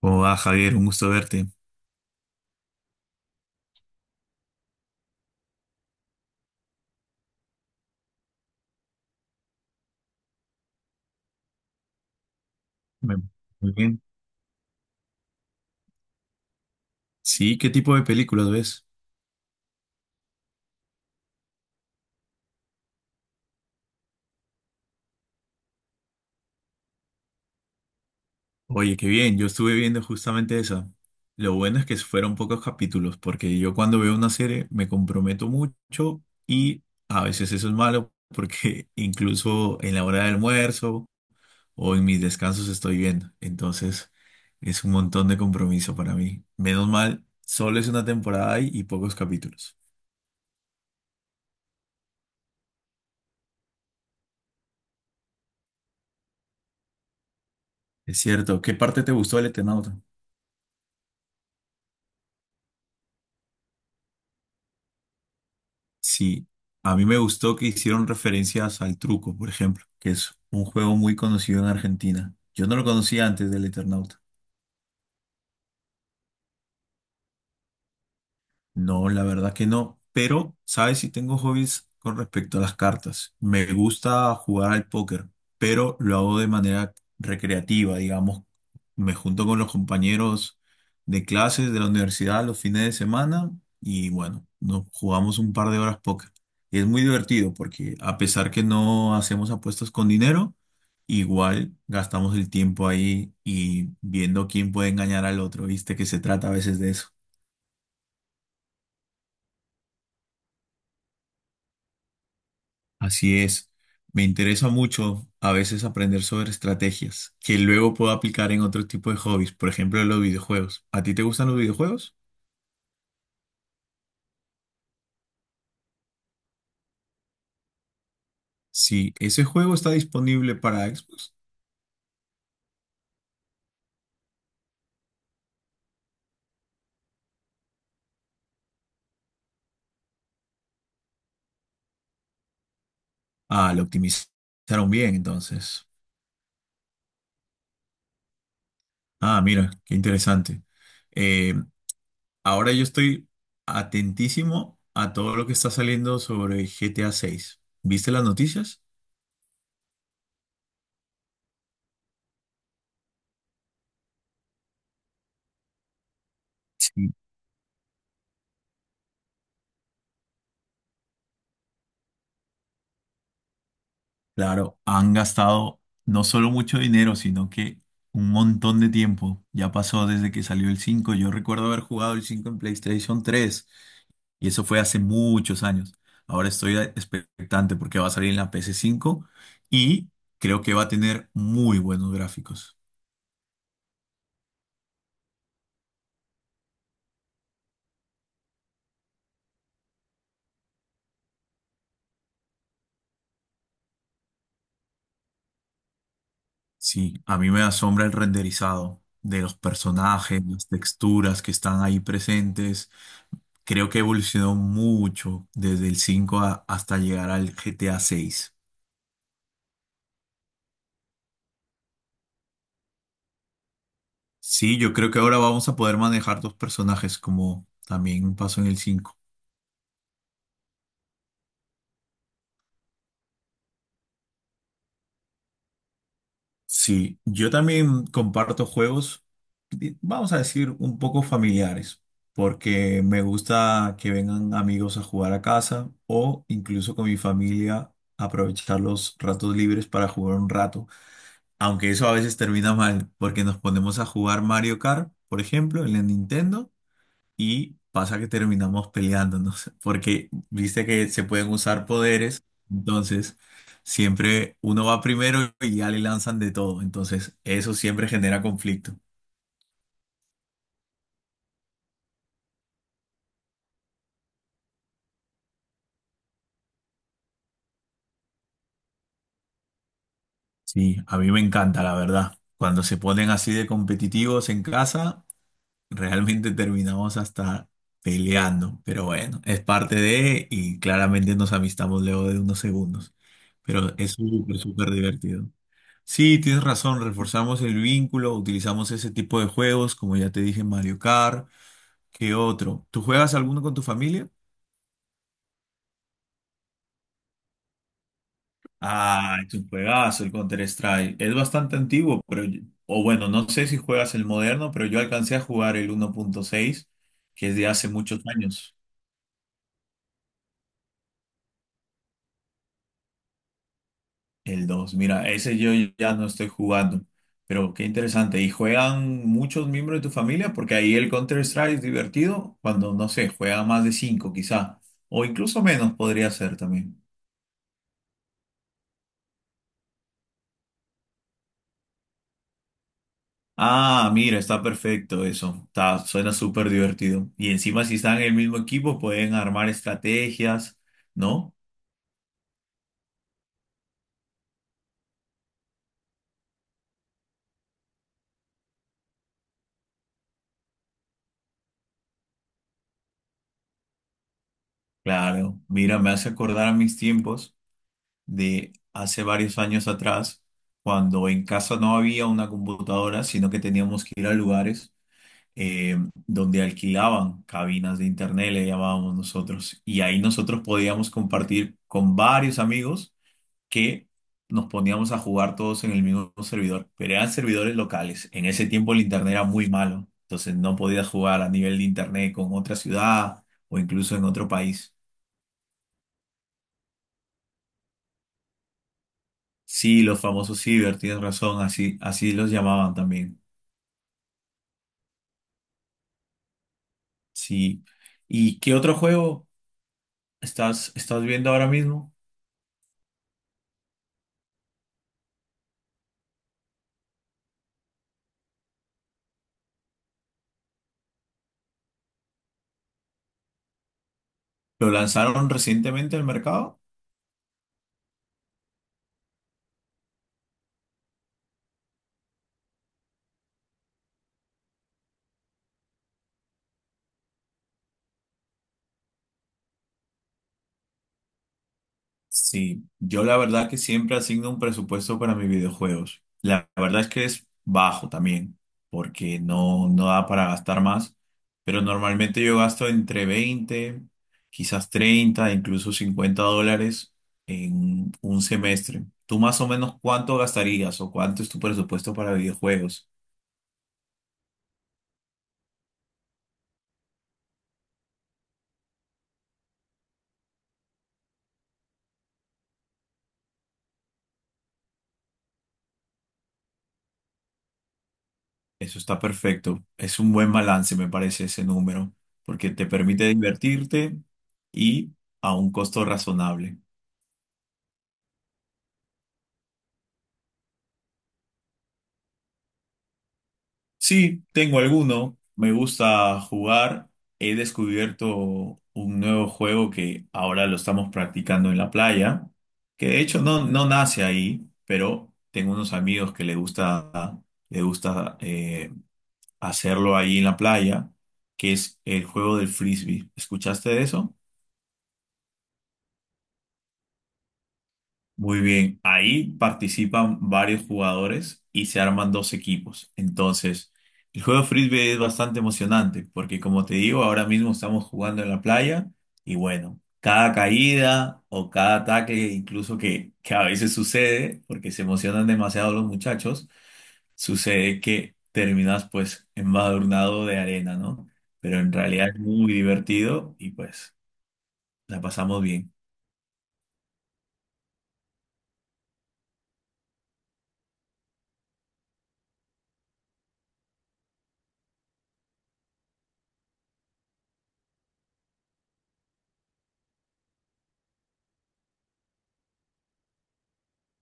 Hola Javier, un gusto verte. Me- Muy bien. Sí, ¿qué tipo de películas ves? Oye, qué bien, yo estuve viendo justamente esa. Lo bueno es que fueron pocos capítulos, porque yo cuando veo una serie me comprometo mucho y a veces eso es malo, porque incluso en la hora del almuerzo o en mis descansos estoy viendo. Entonces es un montón de compromiso para mí. Menos mal, solo es una temporada y pocos capítulos. Es cierto, ¿qué parte te gustó del Eternauta? Sí, a mí me gustó que hicieron referencias al truco, por ejemplo, que es un juego muy conocido en Argentina. Yo no lo conocía antes del Eternauta. No, la verdad que no. Pero, ¿sabes si tengo hobbies con respecto a las cartas? Me gusta jugar al póker, pero lo hago de manera recreativa, digamos. Me junto con los compañeros de clases de la universidad los fines de semana y bueno, nos jugamos un par de horas póker. Y es muy divertido porque a pesar que no hacemos apuestas con dinero, igual gastamos el tiempo ahí y viendo quién puede engañar al otro, ¿viste? Que se trata a veces de eso. Así es, me interesa mucho a veces aprender sobre estrategias que luego puedo aplicar en otro tipo de hobbies, por ejemplo, los videojuegos. ¿A ti te gustan los videojuegos? Si ese juego está disponible para Xbox, ah, lo optimizaron bien, entonces. Ah, mira, qué interesante. Eh, ahora yo estoy atentísimo a todo lo que está saliendo sobre GTA 6. ¿Viste las noticias? Sí. Claro, han gastado no solo mucho dinero, sino que un montón de tiempo. Ya pasó desde que salió el 5. Yo recuerdo haber jugado el 5 en PlayStation tres y eso fue hace muchos años. Ahora estoy expectante porque va a salir en la ps cinco y creo que va a tener muy buenos gráficos. Sí, a mí me asombra el renderizado de los personajes, las texturas que están ahí presentes. Creo que evolucionó mucho desde el 5 hasta llegar al GTA seis. Sí, yo creo que ahora vamos a poder manejar dos personajes, como también pasó en el cinco. Sí, yo también comparto juegos, vamos a decir, un poco familiares, porque me gusta que vengan amigos a jugar a casa o incluso con mi familia aprovechar los ratos libres para jugar un rato, aunque eso a veces termina mal, porque nos ponemos a jugar Mario Kart, por ejemplo, en la Nintendo. Y pasa que terminamos peleándonos, porque viste que se pueden usar poderes, entonces siempre uno va primero y ya le lanzan de todo, entonces eso siempre genera conflicto. Sí, a mí me encanta, la verdad. Cuando se ponen así de competitivos en casa, realmente terminamos hasta peleando, pero bueno, es parte de y claramente nos amistamos luego de unos segundos, pero es súper, súper divertido. Sí, tienes razón, reforzamos el vínculo, utilizamos ese tipo de juegos, como ya te dije, Mario Kart, ¿qué otro? ¿Tú juegas alguno con tu familia? Ah, es un juegazo el Counter-Strike. Es bastante antiguo, pero, o bueno, no sé si juegas el moderno, pero yo alcancé a jugar el 1.6, que es de hace muchos años. El 2 mira, ese yo ya no estoy jugando, pero qué interesante. ¿Y juegan muchos miembros de tu familia? Porque ahí el Counter-Strike es divertido cuando, no sé, juegan más de 5 quizá, o incluso menos podría ser también. Ah, mira, está perfecto eso. Está, suena súper divertido. Y encima si están en el mismo equipo pueden armar estrategias, ¿no? Claro, mira, me hace acordar a mis tiempos de hace varios años atrás, cuando en casa no había una computadora, sino que teníamos que ir a lugares donde alquilaban cabinas de internet, le llamábamos nosotros, y ahí nosotros podíamos compartir con varios amigos que nos poníamos a jugar todos en el mismo servidor, pero eran servidores locales. En ese tiempo el internet era muy malo, entonces no podías jugar a nivel de internet con otra ciudad o incluso en otro país. Sí, los famosos Ciber, tienes razón, así, así los llamaban también. Sí. ¿Y qué otro juego estás viendo ahora mismo? ¿Lo lanzaron recientemente al mercado? Sí, yo la verdad que siempre asigno un presupuesto para mis videojuegos. La verdad es que es bajo también, porque no, no da para gastar más, pero normalmente yo gasto entre 20, quizás 30, incluso 50 dólares en un semestre. ¿Tú más o menos cuánto gastarías o cuánto es tu presupuesto para videojuegos? Eso está perfecto. Es un buen balance, me parece, ese número, porque te permite divertirte y a un costo razonable. Sí, tengo alguno. Me gusta jugar. He descubierto un nuevo juego que ahora lo estamos practicando en la playa, que de hecho no, no nace ahí, pero tengo unos amigos que le gusta hacerlo ahí en la playa, que es el juego del frisbee. ¿Escuchaste de eso? Muy bien, ahí participan varios jugadores y se arman dos equipos. Entonces, el juego de frisbee es bastante emocionante porque, como te digo, ahora mismo estamos jugando en la playa y bueno, cada caída o cada ataque, incluso que a veces sucede, porque se emocionan demasiado los muchachos, sucede que terminas pues embadurnado de arena, ¿no? Pero en realidad es muy divertido y pues la pasamos bien.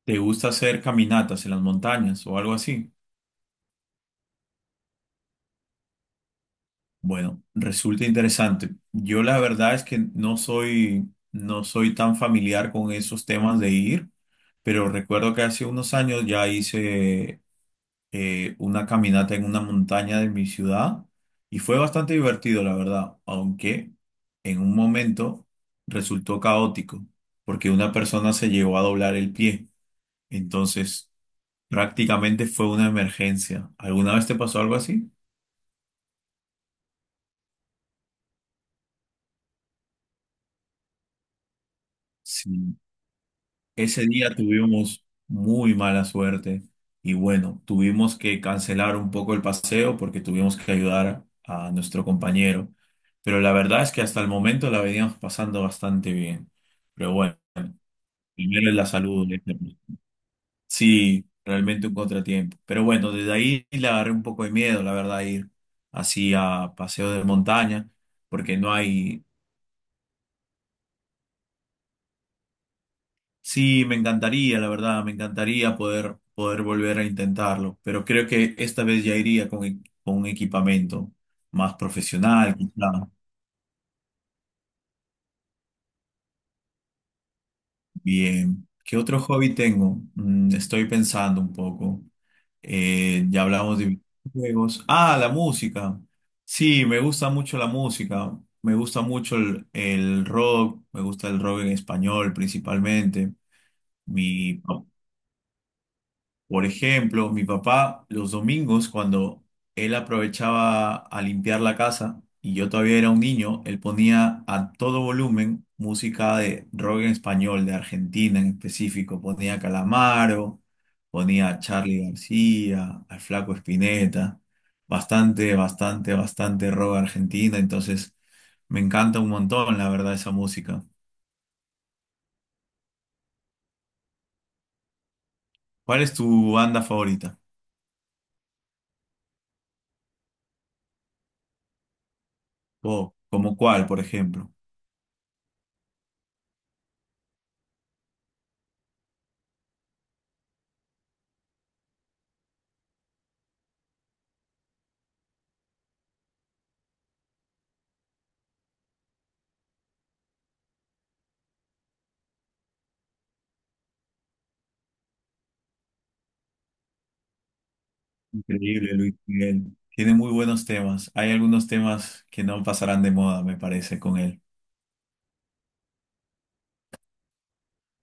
¿Te gusta hacer caminatas en las montañas o algo así? Bueno, resulta interesante. Yo la verdad es que no soy, no soy tan familiar con esos temas de ir, pero recuerdo que hace unos años ya hice una caminata en una montaña de mi ciudad y fue bastante divertido, la verdad, aunque en un momento resultó caótico porque una persona se llegó a doblar el pie. Entonces, prácticamente fue una emergencia. ¿Alguna vez te pasó algo así? Sí. Ese día tuvimos muy mala suerte y bueno, tuvimos que cancelar un poco el paseo porque tuvimos que ayudar a nuestro compañero. Pero la verdad es que hasta el momento la veníamos pasando bastante bien. Pero bueno, primero es la salud, ¿eh? Sí, realmente un contratiempo. Pero bueno, desde ahí le agarré un poco de miedo, la verdad, a ir así a paseo de montaña porque no hay. Sí, me encantaría, la verdad, me encantaría poder, poder volver a intentarlo, pero creo que esta vez ya iría con, con un equipamiento más profesional, quizá. Bien. ¿Qué otro hobby tengo? Estoy pensando un poco. Ya hablamos de videojuegos. Ah, la música. Sí, me gusta mucho la música. Me gusta mucho el rock. Me gusta el rock en español principalmente. Mi Por ejemplo, mi papá los domingos cuando él aprovechaba a limpiar la casa y yo todavía era un niño, él ponía a todo volumen música de rock en español, de Argentina en específico. Ponía a Calamaro, ponía a Charly García, al Flaco Espineta. Bastante, bastante, bastante rock argentina. Entonces me encanta un montón, la verdad, esa música. ¿Cuál es tu banda favorita? ¿O como cuál, por ejemplo? Increíble, Luis Miguel. Tiene muy buenos temas. Hay algunos temas que no pasarán de moda, me parece, con él.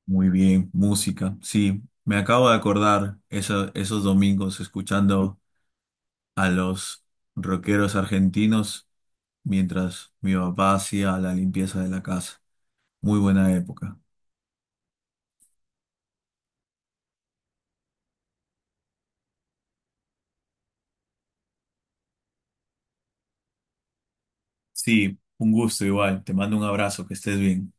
Muy bien, música. Sí, me acabo de acordar esos domingos escuchando a los rockeros argentinos mientras mi papá hacía la limpieza de la casa. Muy buena época. Sí, un gusto igual. Te mando un abrazo, que estés bien.